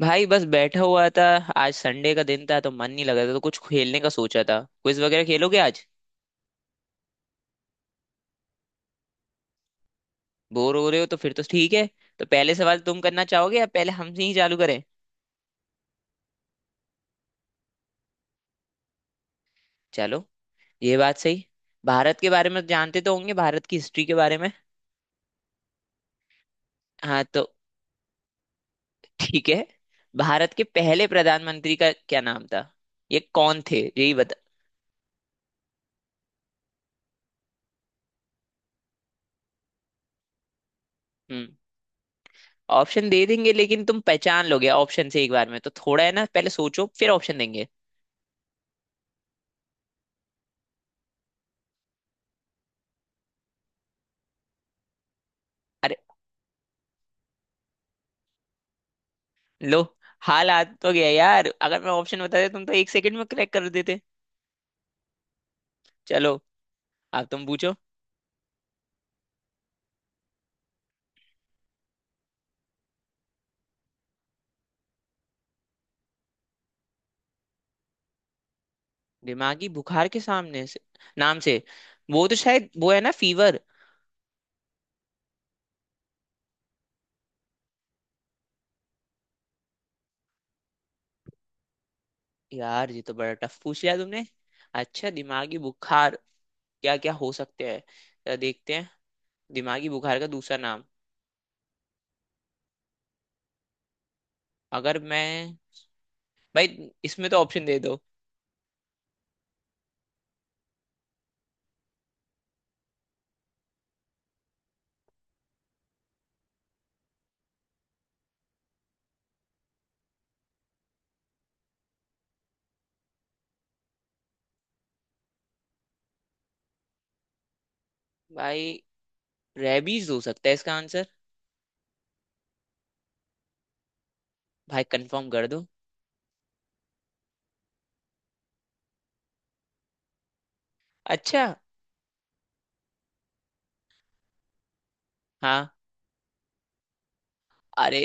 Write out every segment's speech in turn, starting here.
भाई बस बैठा हुआ था। आज संडे का दिन था तो मन नहीं लग रहा था तो कुछ खेलने का सोचा था। क्विज वगैरह खेलोगे आज? बोर हो रहे हो तो फिर तो ठीक है। तो पहले सवाल तुम करना चाहोगे या पहले हमसे ही चालू करें? चलो, ये बात सही। भारत के बारे में जानते तो होंगे, भारत की हिस्ट्री के बारे में। हाँ तो ठीक है। भारत के पहले प्रधानमंत्री का क्या नाम था? ये कौन थे यही बता। हम्म। ऑप्शन दे देंगे लेकिन तुम पहचान लोगे ऑप्शन से एक बार में तो, थोड़ा है ना, पहले सोचो फिर ऑप्शन देंगे। अरे लो। हाल आ तो गया यार, अगर मैं ऑप्शन बताते तुम तो एक सेकंड में क्रैक कर देते। चलो, अब तुम पूछो। दिमागी बुखार के सामने से, नाम से। वो तो शायद वो है ना फीवर। यार ये तो बड़ा टफ पूछ लिया तुमने। अच्छा, दिमागी बुखार क्या क्या हो सकते हैं, जरा देखते हैं। दिमागी बुखार का दूसरा नाम। अगर मैं भाई इसमें तो ऑप्शन दे दो। भाई रेबीज हो सकता है इसका आंसर। भाई कंफर्म कर दो। अच्छा। हाँ। अरे।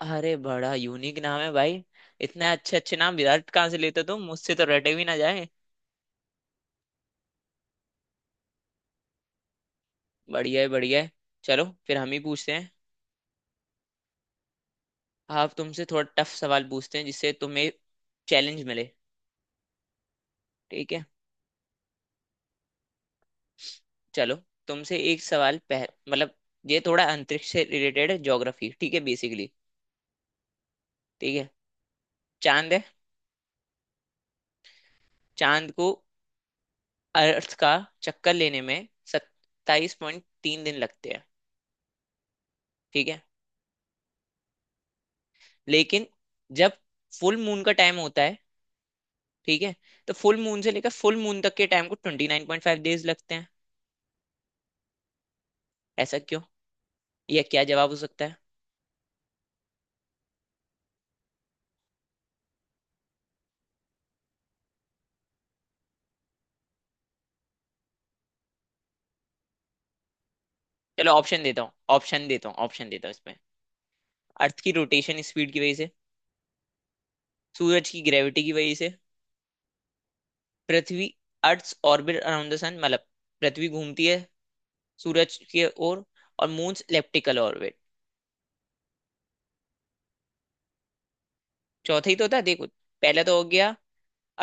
अरे बड़ा यूनिक नाम है भाई। इतने अच्छे अच्छे नाम विराट कहाँ से लेते हो? तुम मुझसे तो रटे भी ना जाए। बढ़िया है बढ़िया है। चलो फिर हम ही पूछते हैं। आप तुमसे थोड़ा टफ सवाल पूछते हैं जिससे तुम्हें चैलेंज मिले। ठीक है। चलो। तुमसे एक सवाल पह मतलब, ये थोड़ा अंतरिक्ष से रिलेटेड है, ज्योग्राफी ठीक है बेसिकली। ठीक है। चांद है। चांद को अर्थ का चक्कर लेने में 27.3 दिन लगते हैं। ठीक है। लेकिन जब फुल मून का टाइम होता है, ठीक है, तो फुल मून से लेकर फुल मून तक के टाइम को 29.5 डेज लगते हैं। ऐसा क्यों, यह क्या जवाब हो सकता है? चलो ऑप्शन देता हूँ, ऑप्शन देता हूँ, ऑप्शन देता हूँ इसमें। अर्थ की रोटेशन स्पीड की वजह से। सूरज की ग्रेविटी की वजह से। पृथ्वी, earth orbit around the sun, मतलब पृथ्वी घूमती है सूरज की ओर। और मून्स इलेप्टिकल ऑर्बिट। चौथा ही तो था, देखो। पहला तो हो गया,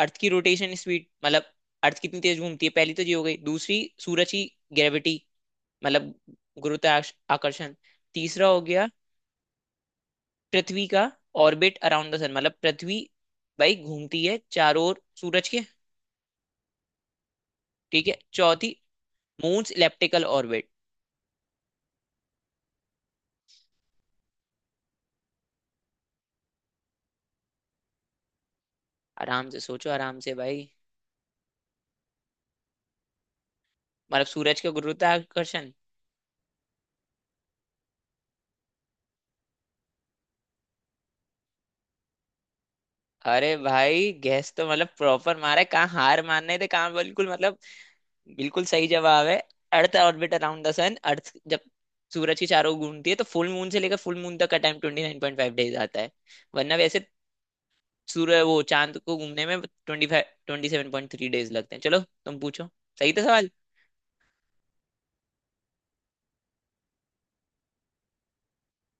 अर्थ की रोटेशन स्पीड, मतलब अर्थ कितनी तेज घूमती है, पहली तो ये हो गई। दूसरी, सूरज की ग्रेविटी, मतलब गुरुत्वाकर्षण। तीसरा हो गया, पृथ्वी का ऑर्बिट अराउंड द सन, मतलब पृथ्वी भाई घूमती है चारों ओर सूरज के। ठीक है। चौथी, मून्स इलेप्टिकल ऑर्बिट। आराम से सोचो, आराम से भाई। मतलब सूरज का गुरुत्वाकर्षण? अरे भाई गैस तो मतलब प्रॉपर मारा है। कहाँ हार मानने थे, कहाँ। बिल्कुल मतलब बिल्कुल सही जवाब है। Earth orbit around the sun, earth जब सूरज के चारों ओर घूमती है तो फुल मून से लेकर फुल मून तक का टाइम 29.5 डेज आता है। वरना वैसे सूर्य, वो चांद को घूमने में ट्वेंटी फाइव 27.3 डेज लगते हैं। चलो तुम पूछो। सही था सवाल।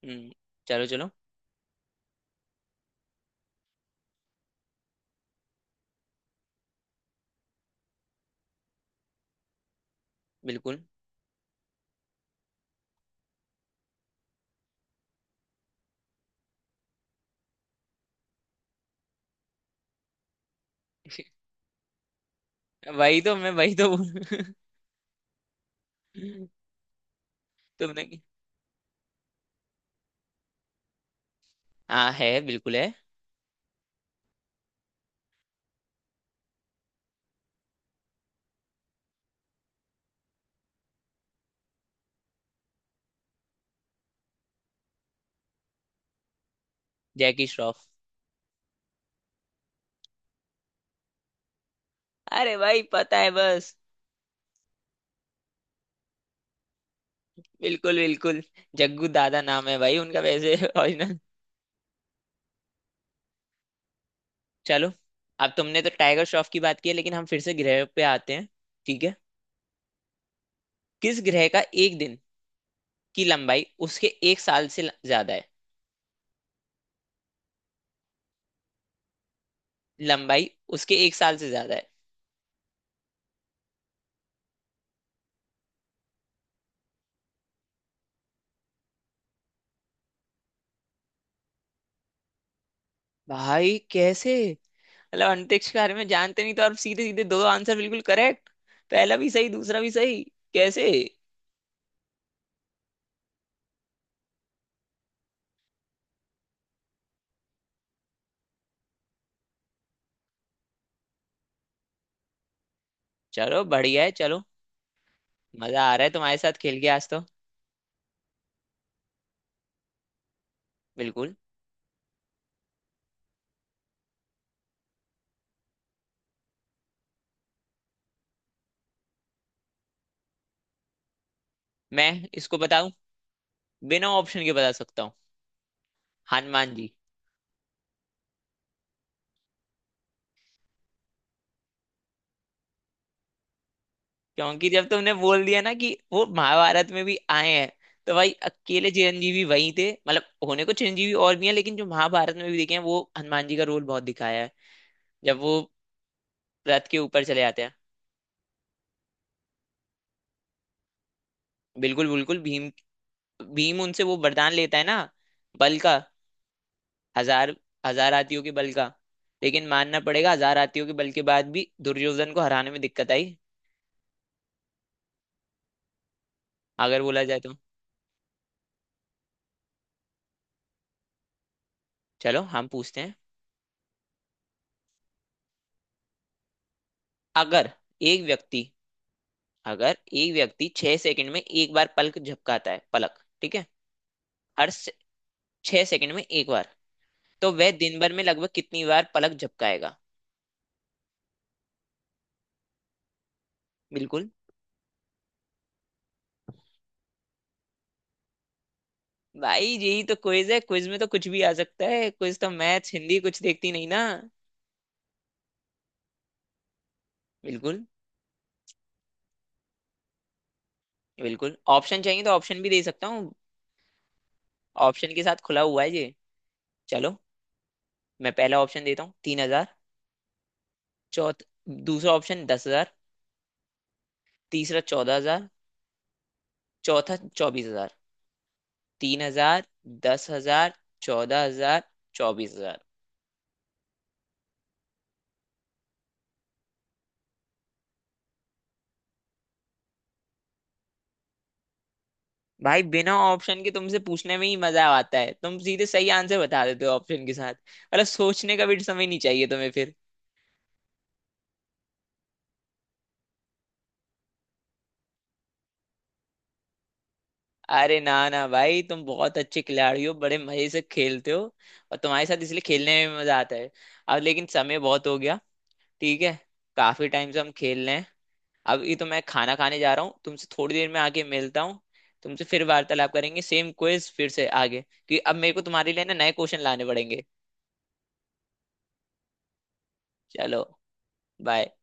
हम्म। चलो चलो। बिल्कुल। वही तो मैं, वही तो बोल। तुमने की। हाँ है बिल्कुल है। जैकी श्रॉफ। अरे भाई पता है बस। बिल्कुल बिल्कुल। जग्गू दादा नाम है भाई उनका वैसे ओरिजिनल। चलो। अब तुमने तो टाइगर श्रॉफ की बात की है लेकिन हम फिर से ग्रह पे आते हैं। ठीक है। किस ग्रह का एक दिन की लंबाई उसके एक साल से ज्यादा है? लंबाई उसके एक साल से ज्यादा है। भाई कैसे, मतलब अंतरिक्ष के बारे में जानते नहीं तो आप सीधे सीधे दो आंसर बिल्कुल करेक्ट। पहला भी सही दूसरा भी सही। कैसे? चलो बढ़िया है, चलो। मजा आ रहा है तुम्हारे साथ खेल के आज तो। बिल्कुल। मैं इसको बताऊं, बिना ऑप्शन के बता सकता हूँ। हनुमान जी। क्योंकि जब तुमने बोल दिया ना कि वो महाभारत में भी आए हैं, तो भाई अकेले चिरंजीवी वही थे। मतलब होने को चिरंजीवी और भी हैं लेकिन जो महाभारत में भी दिखे हैं वो हनुमान जी का रोल बहुत दिखाया है। जब वो रथ के ऊपर चले जाते हैं। बिल्कुल बिल्कुल। भीम, भीम उनसे वो वरदान लेता है ना, बल का। हजार हजार हाथियों के बल का। लेकिन मानना पड़ेगा 1,000 हाथियों के बल के बाद भी दुर्योधन को हराने में दिक्कत आई, अगर बोला जाए तो। चलो हम पूछते हैं। अगर एक व्यक्ति अगर एक व्यक्ति 6 सेकंड में एक बार पलक झपकाता है, पलक, ठीक है? हर से, 6 सेकंड में एक बार, तो वह दिन भर में लगभग कितनी बार पलक झपकाएगा? बिल्कुल। भाई यही तो क्विज है, क्विज में तो कुछ भी आ सकता है, क्विज तो मैथ्स हिंदी कुछ देखती नहीं ना। बिल्कुल। बिल्कुल ऑप्शन चाहिए तो ऑप्शन भी दे सकता हूँ, ऑप्शन के साथ खुला हुआ है ये। चलो, मैं पहला ऑप्शन देता हूँ, 3,000। चौथ दूसरा ऑप्शन 10,000। तीसरा 14,000। चौथा 24,000। 3,000, 10,000, 14,000, 24,000। भाई बिना ऑप्शन के तुमसे पूछने में ही मजा आता है, तुम सीधे सही आंसर बता देते हो। ऑप्शन के साथ मतलब सोचने का भी समय नहीं चाहिए तुम्हें फिर। अरे ना ना भाई तुम बहुत अच्छे खिलाड़ी हो, बड़े मजे से खेलते हो। और तुम्हारे साथ इसलिए खेलने में भी मजा आता है। अब लेकिन समय बहुत हो गया, ठीक है? काफी टाइम से हम खेल रहे हैं। अब ये तो मैं खाना खाने जा रहा हूँ, तुमसे थोड़ी देर में आके मिलता हूँ। तुमसे फिर वार्तालाप करेंगे सेम क्विज फिर से आगे, क्योंकि अब मेरे को तुम्हारे लिए ना नए क्वेश्चन लाने पड़ेंगे। चलो। बाय।